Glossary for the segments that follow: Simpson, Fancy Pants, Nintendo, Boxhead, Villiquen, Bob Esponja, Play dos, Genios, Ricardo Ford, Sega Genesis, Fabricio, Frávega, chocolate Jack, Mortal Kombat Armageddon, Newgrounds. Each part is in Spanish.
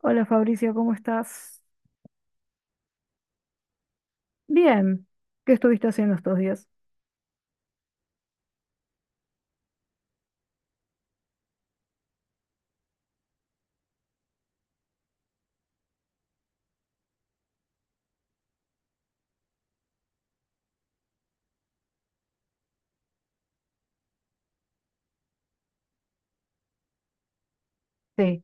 Hola Fabricio, ¿cómo estás? Bien, ¿qué estuviste haciendo estos días? Sí,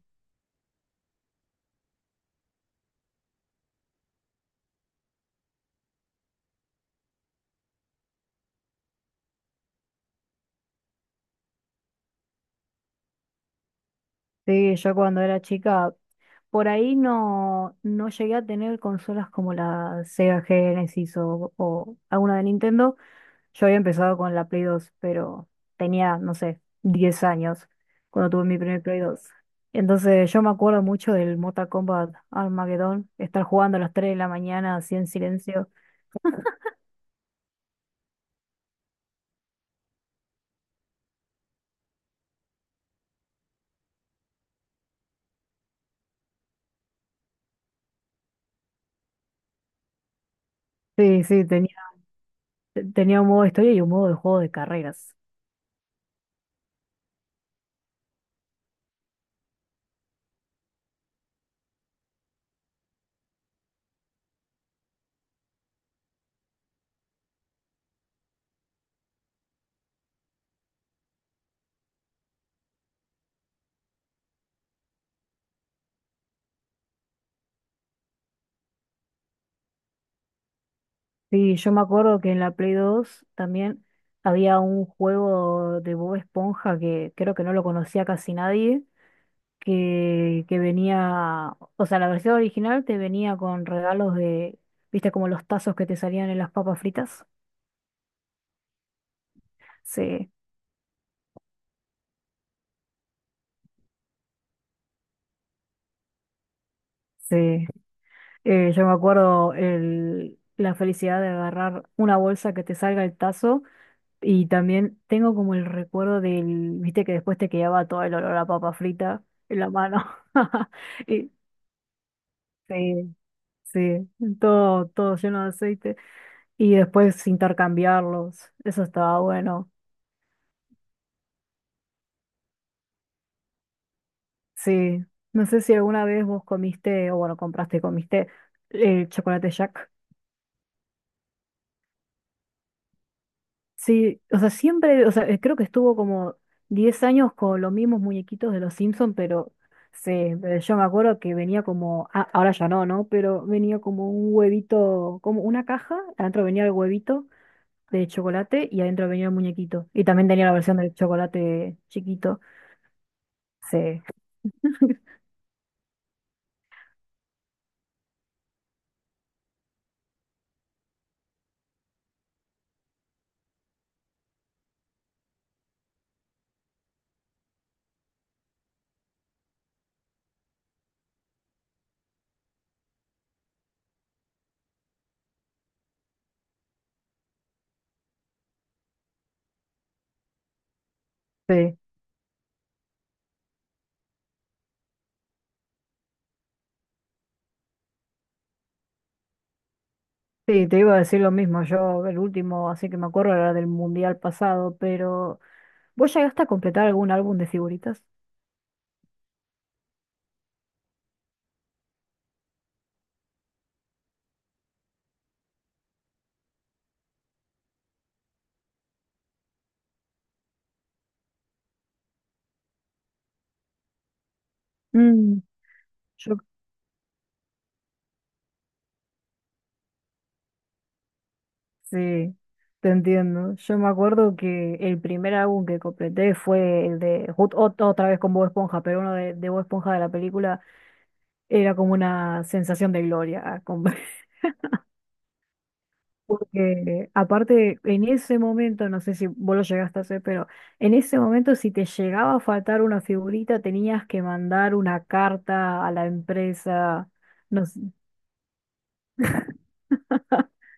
sí, yo cuando era chica, por ahí no llegué a tener consolas como la Sega Genesis o alguna de Nintendo. Yo había empezado con la Play dos, pero tenía, no sé, 10 años cuando tuve mi primer Play dos. Entonces yo me acuerdo mucho del Mortal Kombat Armageddon, estar jugando a las 3 de la mañana así en silencio. Sí, tenía un modo de historia y un modo de juego de carreras. Sí, yo me acuerdo que en la Play dos también había un juego de Bob Esponja que creo que no lo conocía casi nadie, que venía, o sea, la versión original te venía con regalos de, viste, como los tazos que te salían en las papas fritas. Sí, sí. Yo me acuerdo la felicidad de agarrar una bolsa que te salga el tazo y también tengo como el recuerdo del, viste, que después te quedaba todo el olor a papa frita en la mano. Y sí, sí, todo lleno de aceite y después intercambiarlos, eso estaba bueno. Sí, no sé si alguna vez vos comiste, o bueno, compraste, y comiste chocolate Jack. Sí, o sea, siempre, o sea, creo que estuvo como 10 años con los mismos muñequitos de los Simpson, pero sí, pero yo me acuerdo que venía como, ah, ahora ya no, ¿no? Pero venía como un huevito, como una caja, adentro venía el huevito de chocolate y adentro venía el muñequito. Y también tenía la versión del chocolate chiquito. Sí, sí. Sí, te iba a decir lo mismo. Yo, el último, así que me acuerdo, era del mundial pasado, pero ¿vos llegaste a completar algún álbum de figuritas? Mm, yo sí, te entiendo. Yo me acuerdo que el primer álbum que completé fue el de otra vez con Bob Esponja, pero uno de Bob Esponja de la película era como una sensación de gloria. Porque aparte, en ese momento, no sé si vos lo llegaste a hacer, pero en ese momento si te llegaba a faltar una figurita, tenías que mandar una carta a la empresa. No sé,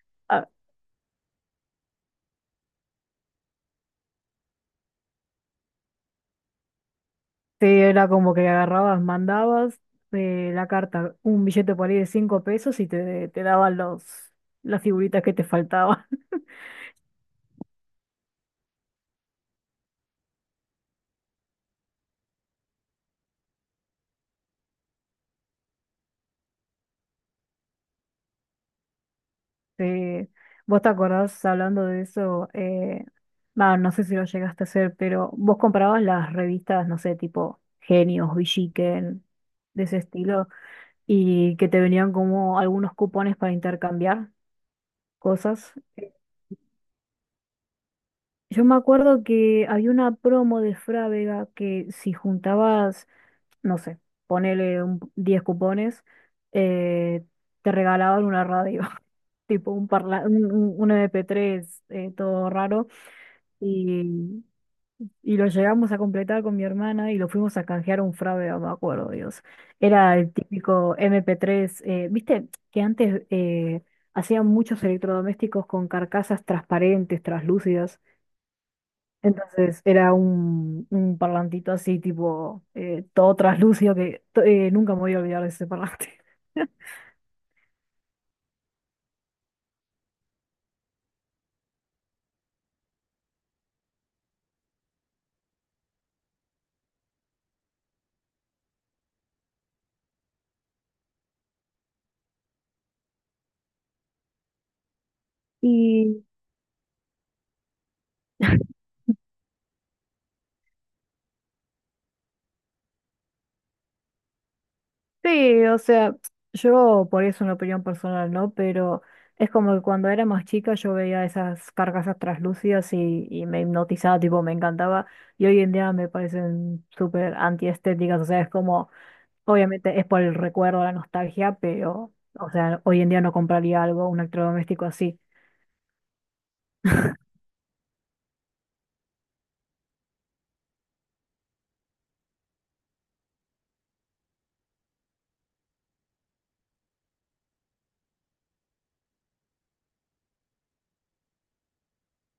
sí, era como que agarrabas, mandabas la carta, un billete por ahí de 5 pesos y te daban las figuritas que te faltaban. Sí. ¿Vos te acordás hablando de eso? Bah, no sé si lo llegaste a hacer, pero vos comprabas las revistas, no sé, tipo Genios, Villiquen, de ese estilo, y que te venían como algunos cupones para intercambiar cosas. Yo me acuerdo que había una promo de Frávega que si juntabas, no sé, ponele 10 cupones, eh, te regalaban una radio, tipo un, parla- un MP3 todo raro. Y, y lo llegamos a completar con mi hermana y lo fuimos a canjear a un fraude, no me acuerdo, Dios. Era el típico MP3 viste que antes hacían muchos electrodomésticos con carcasas transparentes, traslúcidas. Entonces era un parlantito así, tipo, todo traslúcido, nunca me voy a olvidar de ese parlante. Y sí, o sea, yo por eso una opinión personal, ¿no? Pero es como que cuando era más chica yo veía esas carcasas translúcidas y me hipnotizaba, tipo, me encantaba. Y hoy en día me parecen súper antiestéticas, o sea, es como, obviamente es por el recuerdo, la nostalgia, pero, o sea, hoy en día no compraría algo, un electrodoméstico así.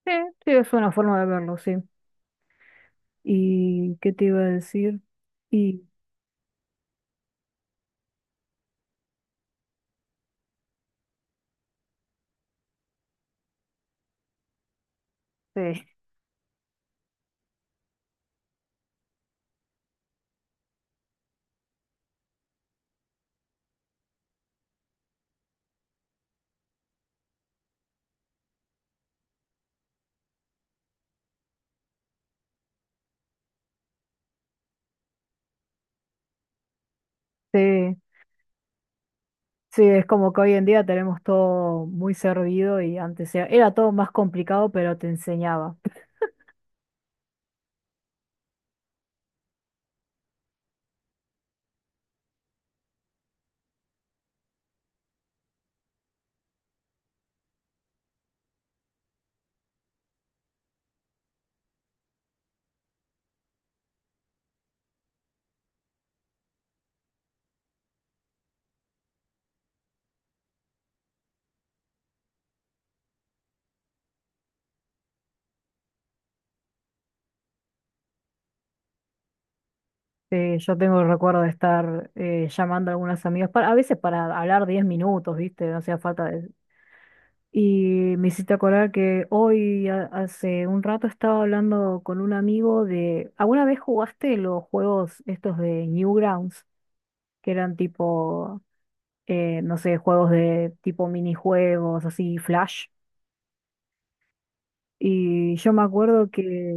Sí, sí, es una forma de verlo, sí. ¿Y qué te iba a decir? Y sí, sí. Sí, es como que hoy en día tenemos todo muy servido y antes era, era todo más complicado, pero te enseñaba. Yo tengo el recuerdo de estar llamando a algunas amigas, para, a veces para hablar 10 minutos, ¿viste? No hacía falta de... Y me hiciste acordar que hoy, hace un rato, estaba hablando con un amigo de... ¿Alguna vez jugaste los juegos estos de Newgrounds? Que eran tipo, no sé, juegos de tipo minijuegos, así, Flash. Y yo me acuerdo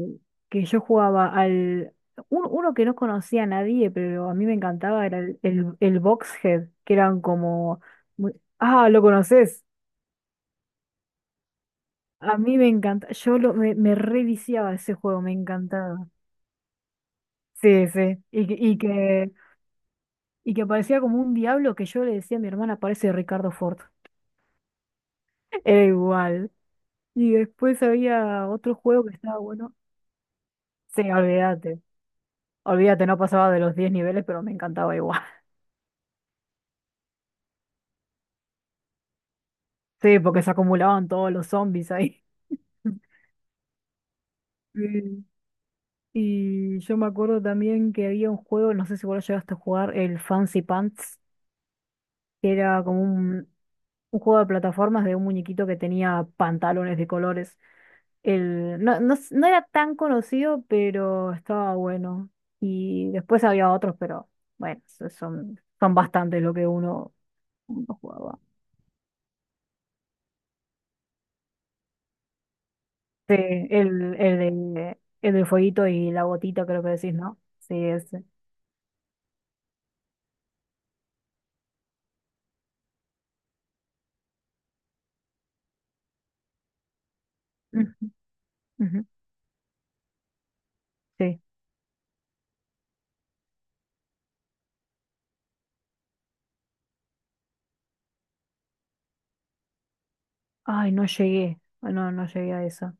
que yo jugaba al... uno que no conocía a nadie, pero a mí me encantaba, era el Boxhead, que eran como... muy... Ah, ¿lo conoces? A mí me encanta. Me reviciaba ese juego, me encantaba. Sí, sí. Y que parecía como un diablo que yo le decía a mi hermana, parece Ricardo Ford. Era igual. Y después había otro juego que estaba bueno. Sí, olvídate. Olvídate, no pasaba de los 10 niveles, pero me encantaba igual. Sí, porque se acumulaban todos los zombies ahí. Mm. Y yo me acuerdo también que había un juego, no sé si vos lo llegaste a jugar, el Fancy Pants, que era como un juego de plataformas de un muñequito que tenía pantalones de colores. El, no, no, no era tan conocido, pero estaba bueno. Y después había otros, pero bueno, son bastantes lo que uno jugaba. Sí, el del fueguito y la gotita, creo que decís, ¿no? Sí, es. Ujú, ujú, sí. Ay, no llegué. Ay, no, no llegué a esa.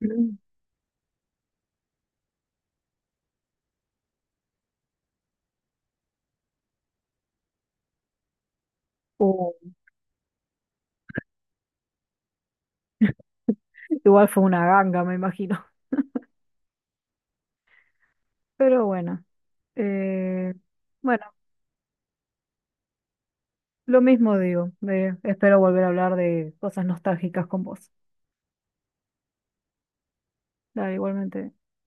Mm. Oh, igual fue una ganga, me imagino. Pero bueno. eh, bueno, lo mismo digo. Espero volver a hablar de cosas nostálgicas con vos. Dale, igualmente.